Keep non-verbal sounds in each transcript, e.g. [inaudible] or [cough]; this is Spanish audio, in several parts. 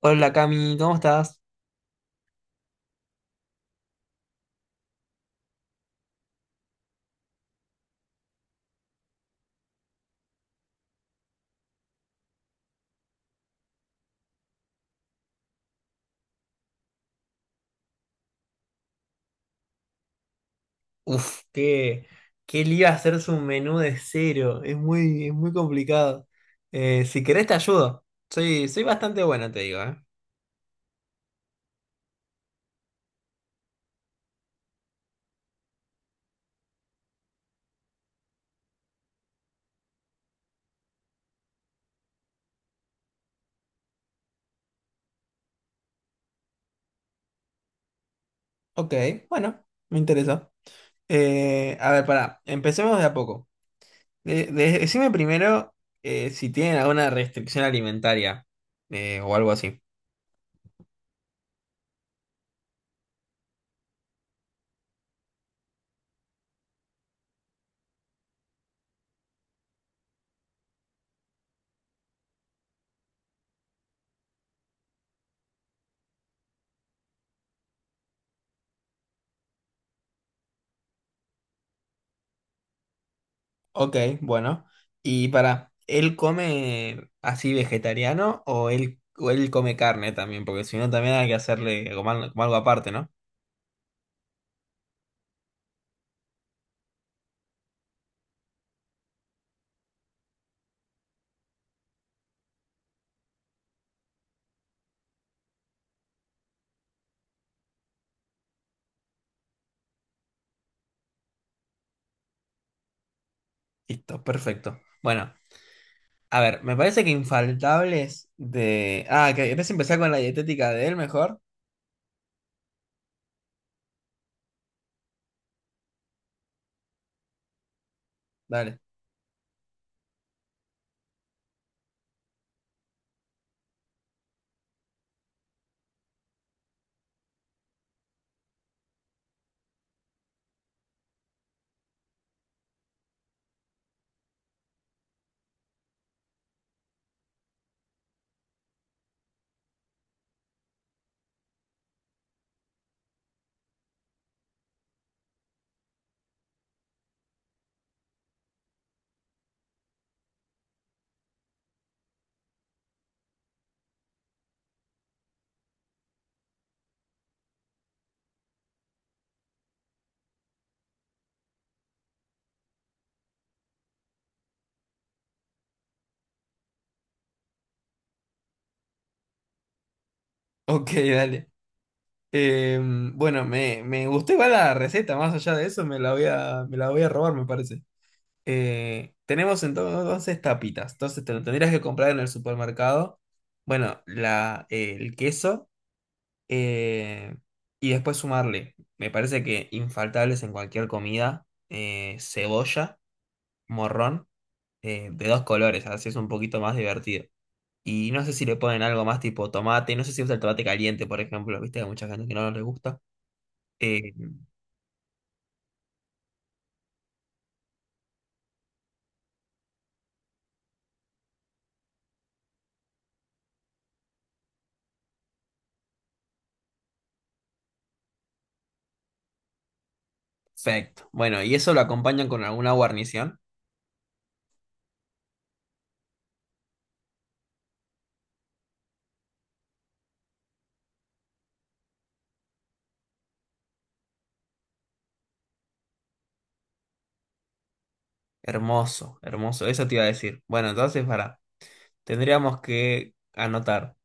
Hola Cami, ¿cómo estás? Uf, qué, qué lío hacer un menú de cero, es muy complicado. Si querés te ayudo, soy bastante bueno, te digo, ¿eh? Ok, bueno, me interesa. A ver, pará, empecemos de a poco. Decime primero si tienen alguna restricción alimentaria o algo así. Ok, bueno. Y para, ¿él come así vegetariano o él come carne también? Porque si no, también hay que hacerle como, como algo aparte, ¿no? Listo, perfecto. Bueno, a ver, me parece que infaltables de... Ah, ¿que querés empezar con la dietética de él mejor? Dale. Ok, dale. Bueno, me gustó igual la receta, más allá de eso me la voy a robar, me parece. Tenemos entonces tapitas. Entonces te lo tendrías que comprar en el supermercado. Bueno, el queso eh, y después sumarle. Me parece que infaltables en cualquier comida. Eh, cebolla, morrón, de dos colores. Así es un poquito más divertido. Y no sé si le ponen algo más tipo tomate. No sé si usa el tomate caliente, por ejemplo. Viste, hay mucha gente que no le gusta. Eh, Perfecto. Bueno, y eso lo acompañan con alguna guarnición. Hermoso, hermoso. Eso te iba a decir. Bueno, entonces, para, tendríamos que anotar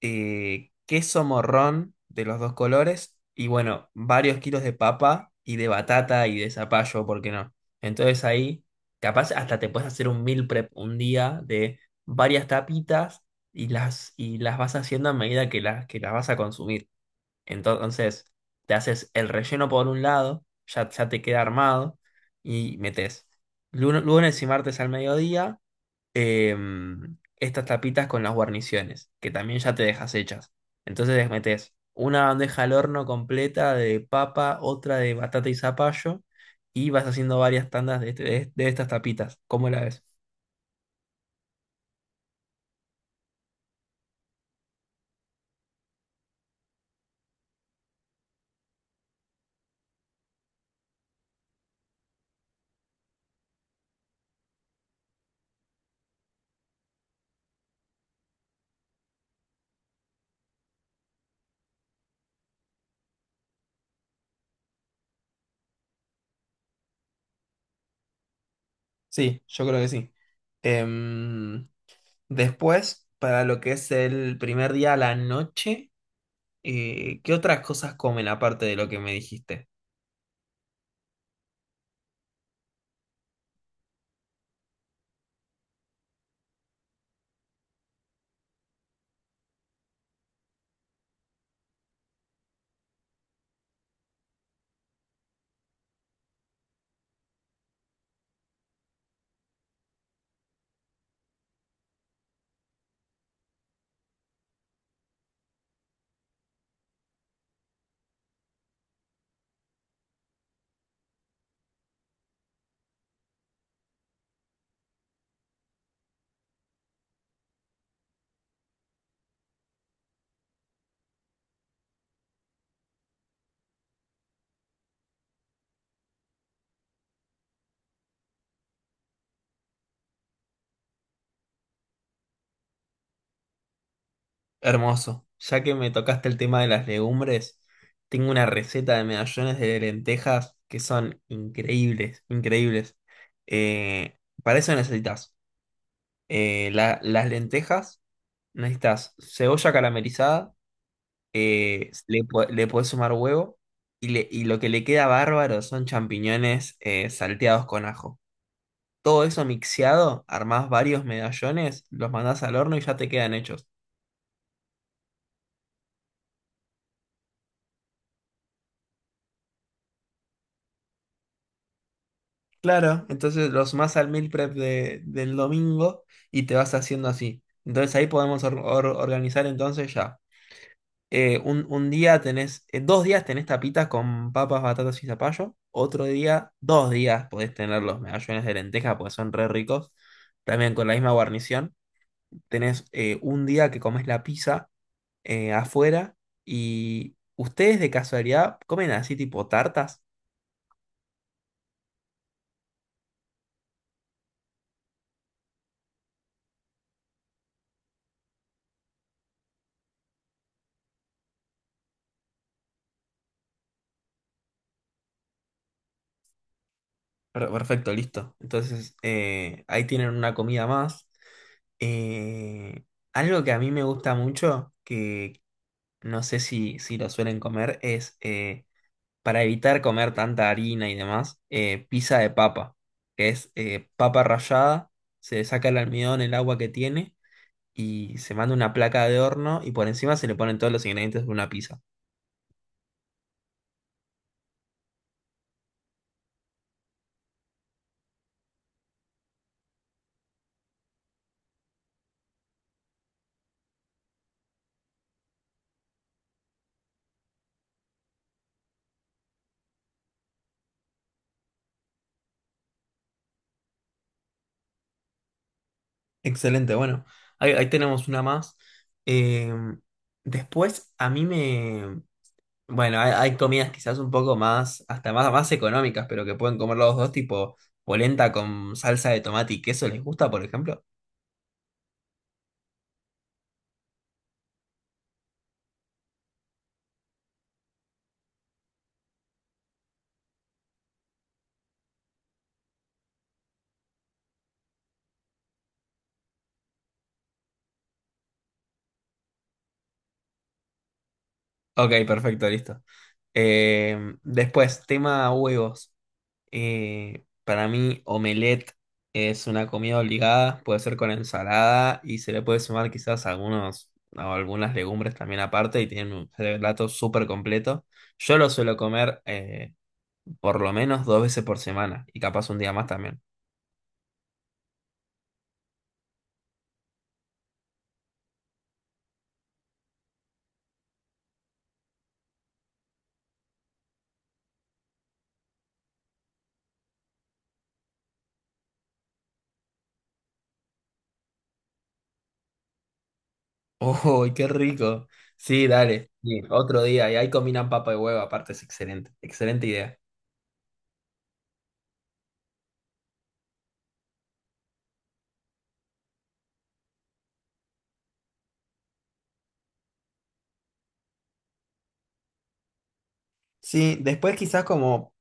queso, morrón de los dos colores y, bueno, varios kilos de papa y de batata y de zapallo, ¿por qué no? Entonces ahí, capaz hasta te puedes hacer un meal prep un día de varias tapitas y y las vas haciendo a medida que que las vas a consumir. Entonces, te haces el relleno por un lado, ya te queda armado, y metes lunes y martes al mediodía estas tapitas con las guarniciones, que también ya te dejas hechas. Entonces, les metes una bandeja al horno completa de papa, otra de batata y zapallo, y vas haciendo varias tandas de, de estas tapitas. ¿Cómo la ves? Sí, yo creo que sí. Em, Después, para lo que es el primer día a la noche. ¿Qué otras cosas comen aparte de lo que me dijiste? Hermoso. Ya que me tocaste el tema de las legumbres, tengo una receta de medallones de lentejas que son increíbles, increíbles. Para eso necesitas las lentejas, necesitas cebolla caramelizada, le podés sumar huevo y lo que le queda bárbaro son champiñones salteados con ajo. Todo eso mixeado, armás varios medallones, los mandás al horno y ya te quedan hechos. Claro, entonces los más al meal prep del domingo y te vas haciendo así. Entonces ahí podemos organizar entonces ya. Eh, un día tenés, dos días tenés tapitas con papas, batatas y zapallo. Otro día, dos días podés tener los medallones de lenteja porque son re ricos. También con la misma guarnición. Tenés un día que comes la pizza afuera y ustedes de casualidad comen así tipo tartas. Perfecto, listo. Entonces ahí tienen una comida más. Eh, algo que a mí me gusta mucho, que no sé si lo suelen comer, es para evitar comer tanta harina y demás, pizza de papa, que es papa rallada, se le saca el almidón, el agua que tiene. Y se manda una placa de horno y por encima se le ponen todos los ingredientes de una pizza. Excelente, bueno, ahí tenemos una más. Eh, después, a mí me... Bueno, hay comidas quizás un poco más, hasta más económicas, pero que pueden comer los dos, tipo polenta con salsa de tomate y queso, ¿les gusta, por ejemplo? Ok, perfecto, listo. Después, tema huevos. Para mí, omelette es una comida obligada, puede ser con ensalada y se le puede sumar quizás algunos o algunas legumbres también aparte y tiene un plato súper completo. Yo lo suelo comer por lo menos dos veces por semana y capaz un día más también. [laughs] ¡Uy, qué rico! Sí, dale, sí, otro día y ahí combinan papa y huevo, aparte es excelente, excelente idea. Sí, después quizás como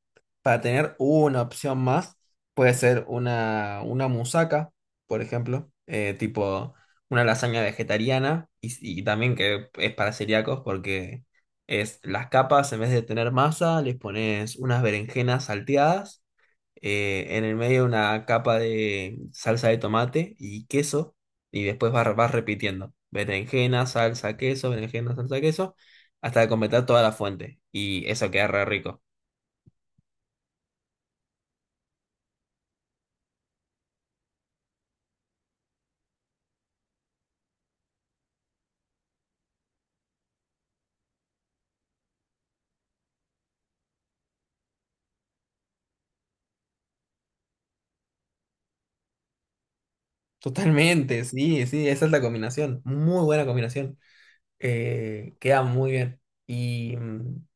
para tener una opción más, puede ser una musaca, por ejemplo, tipo una lasaña vegetariana y también que es para celíacos porque es las capas, en vez de tener masa, les pones unas berenjenas salteadas en el medio una capa de salsa de tomate y queso, y después vas repitiendo, berenjena, salsa, queso, hasta completar toda la fuente, y eso queda re rico. Totalmente, sí, sí, esa es la combinación, muy buena combinación. Queda muy bien. Y, mm,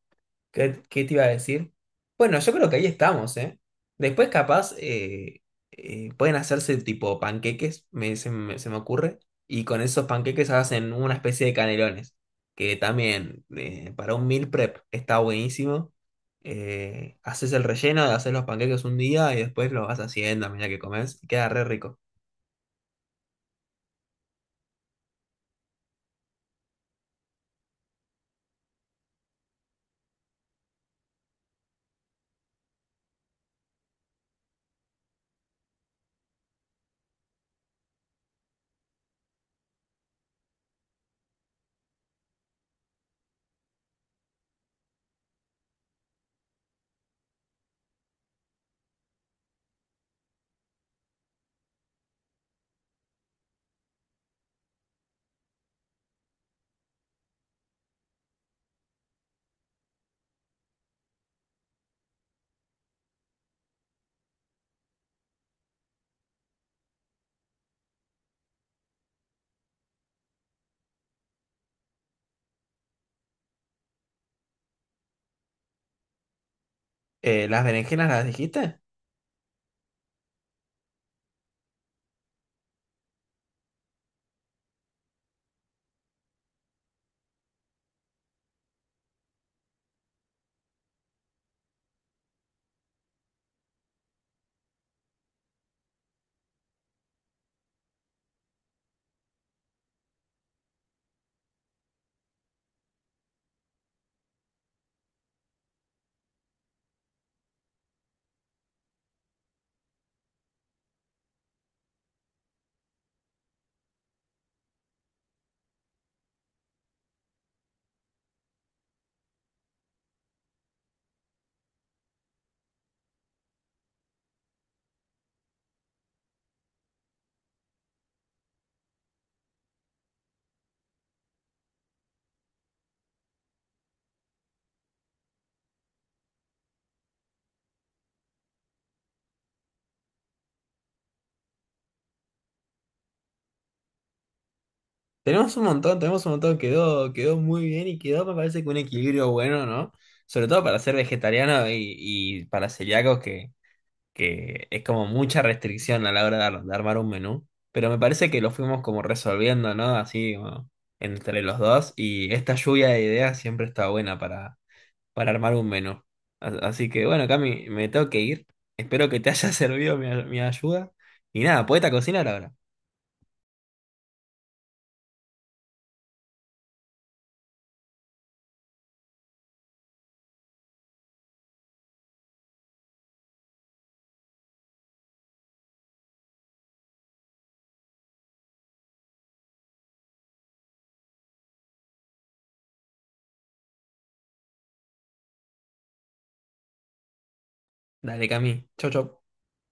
¿qué, qué te iba a decir? Bueno, yo creo que ahí estamos, ¿eh? Después capaz pueden hacerse tipo panqueques, se me ocurre, y con esos panqueques hacen una especie de canelones, que también para un meal prep está buenísimo. Haces el relleno, haces los panqueques un día y después los vas haciendo a medida que comes, y queda re rico. ¿Las berenjenas las dijiste? Tenemos un montón, quedó muy bien y quedó, me parece que un equilibrio bueno, ¿no? Sobre todo para ser vegetariano y para celíacos que es como mucha restricción a la hora de, de armar un menú. Pero me parece que lo fuimos como resolviendo, ¿no? Así como entre los dos. Y esta lluvia de ideas siempre está buena para armar un menú. Así que bueno, Cami, me tengo que ir. Espero que te haya [laughs] servido mi ayuda. Y nada, poeta a cocinar ahora. Dale, Cami. Chau, chau.